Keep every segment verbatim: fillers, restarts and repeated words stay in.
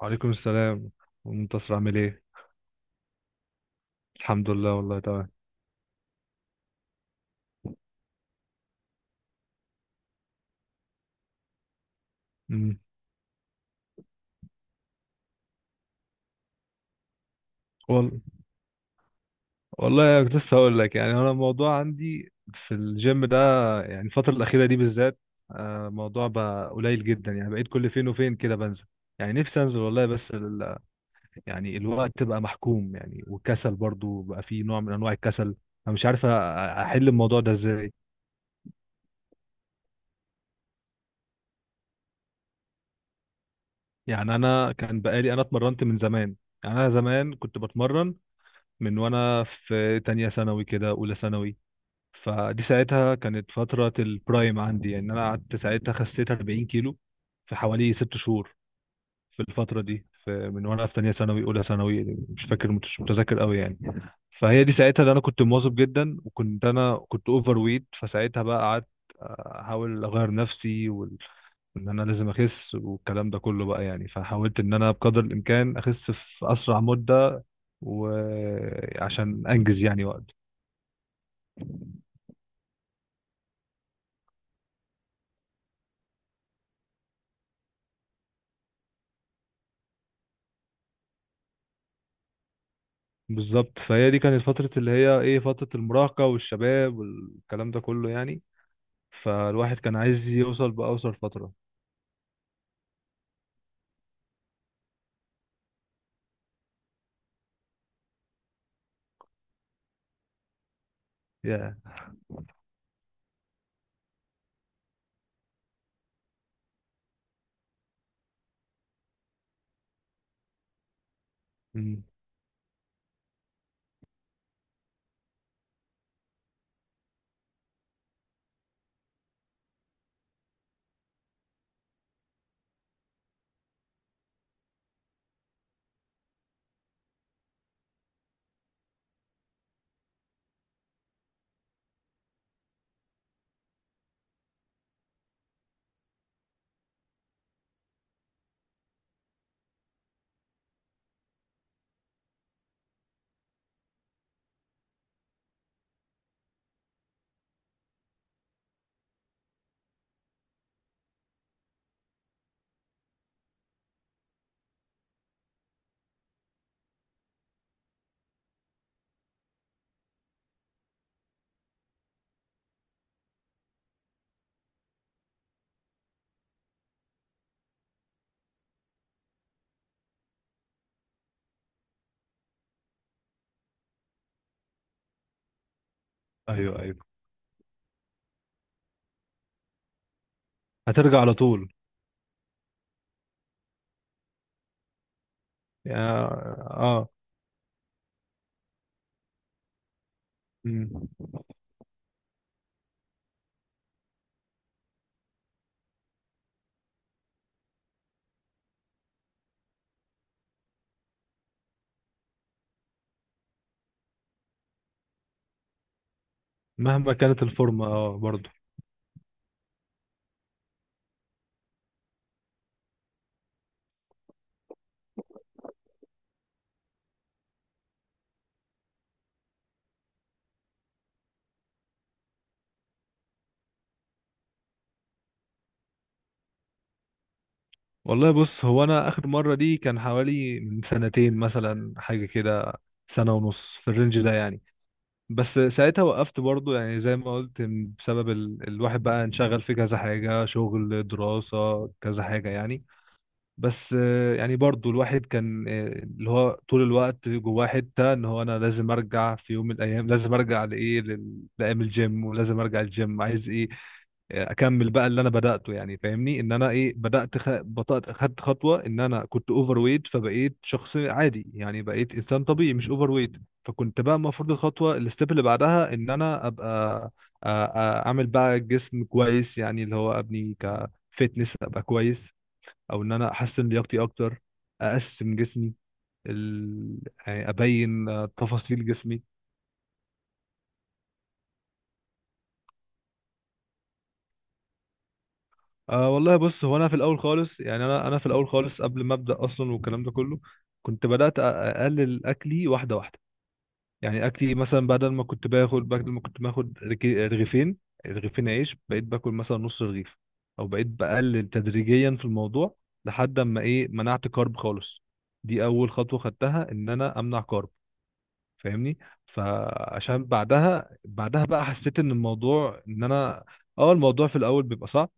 وعليكم السلام. منتصر عامل ايه؟ الحمد لله والله تمام. امم وال... والله كنت لسه هقول لك، يعني انا الموضوع عندي في الجيم ده، يعني الفتره الاخيره دي بالذات، آه، الموضوع بقى قليل جدا، يعني بقيت كل فين وفين كده بنزل. يعني نفسي انزل والله، بس ال... يعني الوقت بقى محكوم يعني، والكسل برضو بقى فيه نوع من انواع الكسل. انا مش عارف أ- احل الموضوع ده ازاي. يعني انا كان بقالي، انا اتمرنت من زمان، يعني انا زمان كنت بتمرن من وانا في تانية ثانوي كده، اولى ثانوي. فدي ساعتها كانت فترة البرايم عندي، يعني أنا قعدت ساعتها خسيت 40 كيلو في حوالي ست شهور. في الفترة دي، في من وأنا في تانية ثانوي، أولى ثانوي، مش فاكر، مش متذكر قوي يعني. فهي دي ساعتها اللي أنا كنت مواظب جدا، وكنت أنا كنت أوفر ويت. فساعتها بقى قعدت أحاول أغير نفسي، وال... ان انا لازم اخس والكلام ده كله بقى يعني. فحاولت ان انا بقدر الامكان اخس في اسرع مدة، وعشان انجز يعني وقت. بالظبط، فهي دي كانت فترة اللي هي ايه، فترة المراهقة والشباب والكلام ده كله يعني. فالواحد كان عايز يوصل بأوصل فترة. يا. مم. ايوه، ايوه، هترجع على طول. يا. اه. مم. مهما كانت الفورمة اه برضه. والله بص، هو انا اخر مرة دي كان حوالي من سنتين مثلا، حاجة كده، سنة ونص في الرينج ده يعني. بس ساعتها وقفت برضه، يعني زي ما قلت، بسبب ال... الواحد بقى انشغل في كذا حاجة، شغل، دراسة، كذا حاجة يعني. بس آه، يعني برضو الواحد كان، آه، اللي هو طول الوقت جواه حتة ان هو انا لازم ارجع في يوم من الايام، لازم ارجع لايه، لل- لايام الجيم، ولازم ارجع الجيم، عايز ايه، آه، اكمل بقى اللي انا بدأته يعني. فاهمني ان انا ايه، بدأت خ... بطأت، خدت خطوة ان انا كنت اوفر ويت فبقيت شخص عادي، يعني بقيت انسان طبيعي، مش اوفر ويت. فكنت بقى المفروض الخطوة، الستيب اللي بعدها، ان انا ابقى آ- آ- اعمل بقى جسم كويس، يعني اللي هو ابني كفتنس، ابقى كويس، او ان انا احسن لياقتي اكتر، اقسم جسمي، ال... يعني ابين آه، تفاصيل جسمي. أه والله بص، هو انا في الاول خالص، يعني انا انا في الاول خالص قبل ما ابدا اصلا والكلام ده كله، كنت بدات أ- اقلل اكلي واحده واحده. يعني اكلي مثلا، بدل ما كنت باخد بدل ما كنت باخد رك- رغيفين، رغيفين عيش، بقيت باكل مثلا نص رغيف، او بقيت بقلل تدريجيا في الموضوع، لحد اما ايه منعت كارب خالص. دي اول خطوه خدتها، ان انا امنع كارب. فاهمني، فعشان بعدها، بعدها بقى حسيت ان الموضوع ان انا، اه الموضوع في الاول بيبقى صعب،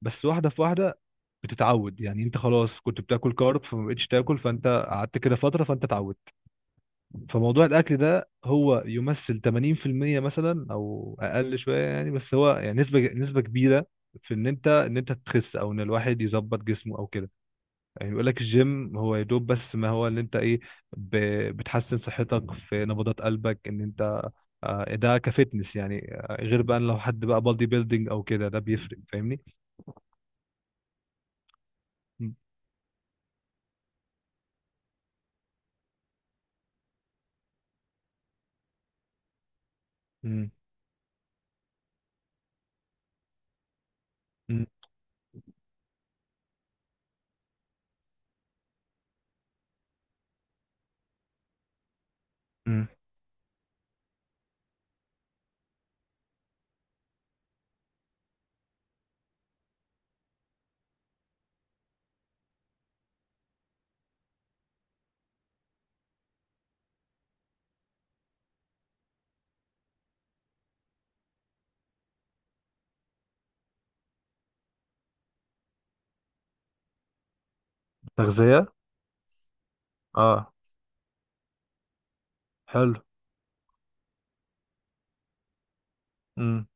بس واحده في واحده بتتعود. يعني انت خلاص كنت بتاكل كارب فما بقتش تاكل، فانت قعدت كده فتره، فانت اتعودت. فموضوع الاكل ده هو يمثل ثمانين في المية مثلا او اقل شويه يعني، بس هو يعني نسبه، نسبه كبيره في ان انت، ان انت تخس، او ان الواحد يظبط جسمه او كده. يعني يقول لك الجيم هو يا دوب، بس ما هو اللي انت ايه، ب- بتحسن صحتك في نبضات قلبك ان انت، آه، ده كفتنس يعني. آه، غير بقى لو حد بقى بادي بيلدينج او كده، ده بيفرق. فاهمني. مم. مم. مم. مم. تغذية. اه، حلو. مم.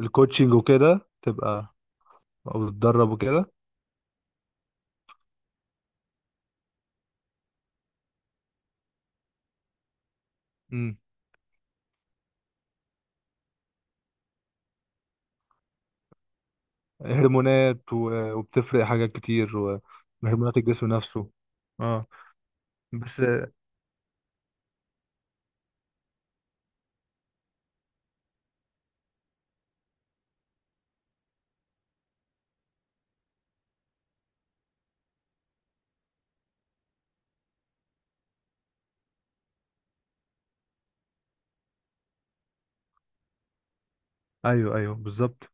الكوتشنج وكده تبقى، او تتدرب وكده. مم. هرمونات، و- وبتفرق حاجات كتير، و- وهرمونات الجسم نفسه. اه. بس. ايوه، ايوه، بالظبط.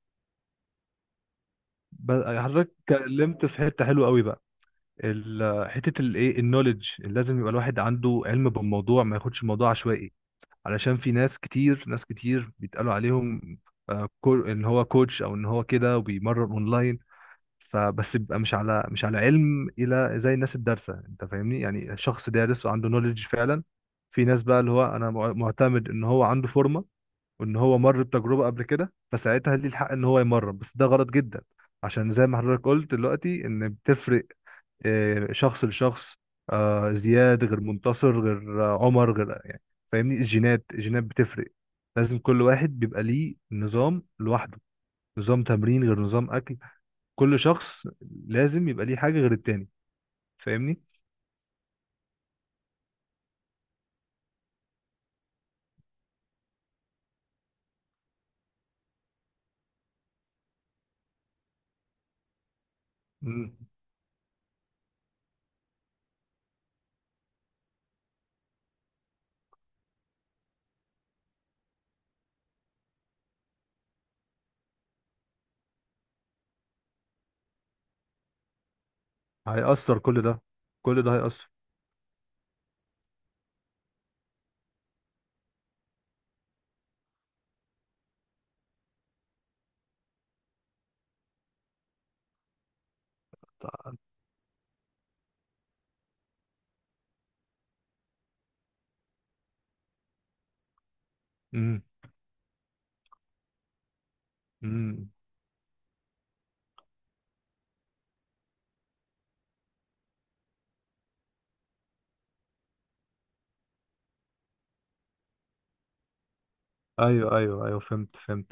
ب- حضرتك اتكلمت في حته حلوه قوي بقى، ال- حته الايه، النوليدج لازم يبقى الواحد عنده علم بالموضوع، ما ياخدش الموضوع عشوائي. علشان في ناس كتير، ناس كتير بيتقالوا عليهم آه، كو- ان هو كوتش، او ان هو كده وبيمرن اونلاين، فبس بيبقى مش على مش على علم الى زي الناس الدارسه. انت فاهمني، يعني شخص دارس وعنده نوليدج فعلا. في ناس بقى اللي هو انا مع- معتمد ان هو عنده فورمه وان هو مر بتجربه قبل كده، فساعتها ليه الحق ان هو يمرن، بس ده غلط جدا. عشان زي ما حضرتك قلت دلوقتي، ان بتفرق آه، شخص لشخص، آه، زياد غير منتصر غير آه، عمر غير يعني. فاهمني، الجينات، الجينات بتفرق. لازم كل واحد بيبقى ليه نظام لوحده، نظام تمرين غير نظام اكل. كل شخص لازم يبقى ليه حاجة غير التاني. فاهمني. مم. هيأثر كل ده، كل ده هيأثر. امم امم ايوه، ايوه، ايوه، فهمت، فهمت.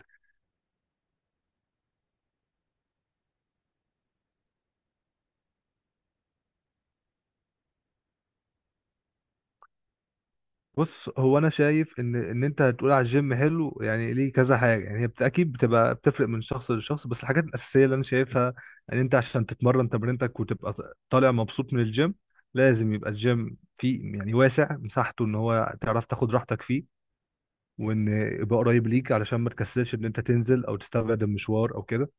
بص، هو انا شايف ان ان انت هتقول على الجيم حلو يعني ليه كذا حاجه، يعني هي بت- اكيد بتبقى بتفرق من شخص لشخص. بس الحاجات الاساسيه اللي انا شايفها، ان انت عشان تتمرن تمرينتك وتبقى ط- طالع مبسوط من الجيم، لازم يبقى الجيم فيه يعني واسع مساحته، ان هو تعرف تاخد راحتك فيه، وان يبقى قريب ليك علشان ما تكسلش ان انت تنزل، او تستبعد المشوار او كده.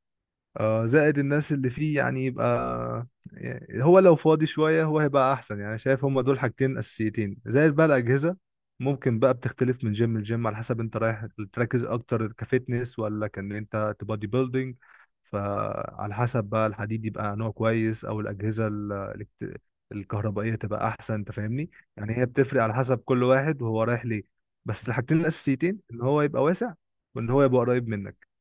اه، زائد الناس اللي فيه يعني يبقى، يعني هو لو فاضي شوية هو هيبقى أحسن. يعني شايف هما دول حاجتين أساسيتين، زائد بقى الأجهزة. ممكن بقى بتختلف من جيم لجيم على حسب أنت رايح تركز أكتر كفتنس، ولا كان أنت تبادي بيلدينج. فعلى حسب بقى الحديد يبقى نوع كويس، أو الأجهزة ال- الكت- الكهربائية تبقى أحسن. أنت فاهمني، يعني هي بتفرق على حسب كل واحد وهو رايح ليه. بس الحاجتين الأساسيتين، إن هو يبقى واسع وإن هو يبقى قريب منك.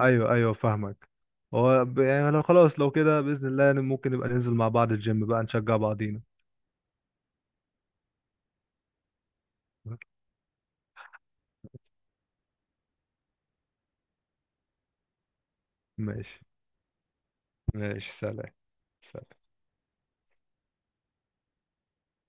ايوه، ايوه، فاهمك. هو ب- يعني لو خلاص، لو كده باذن الله ممكن نبقى ننزل مع بعض الجيم بقى، نشجع بعضينا. ماشي. ماشي، سلام. سلام.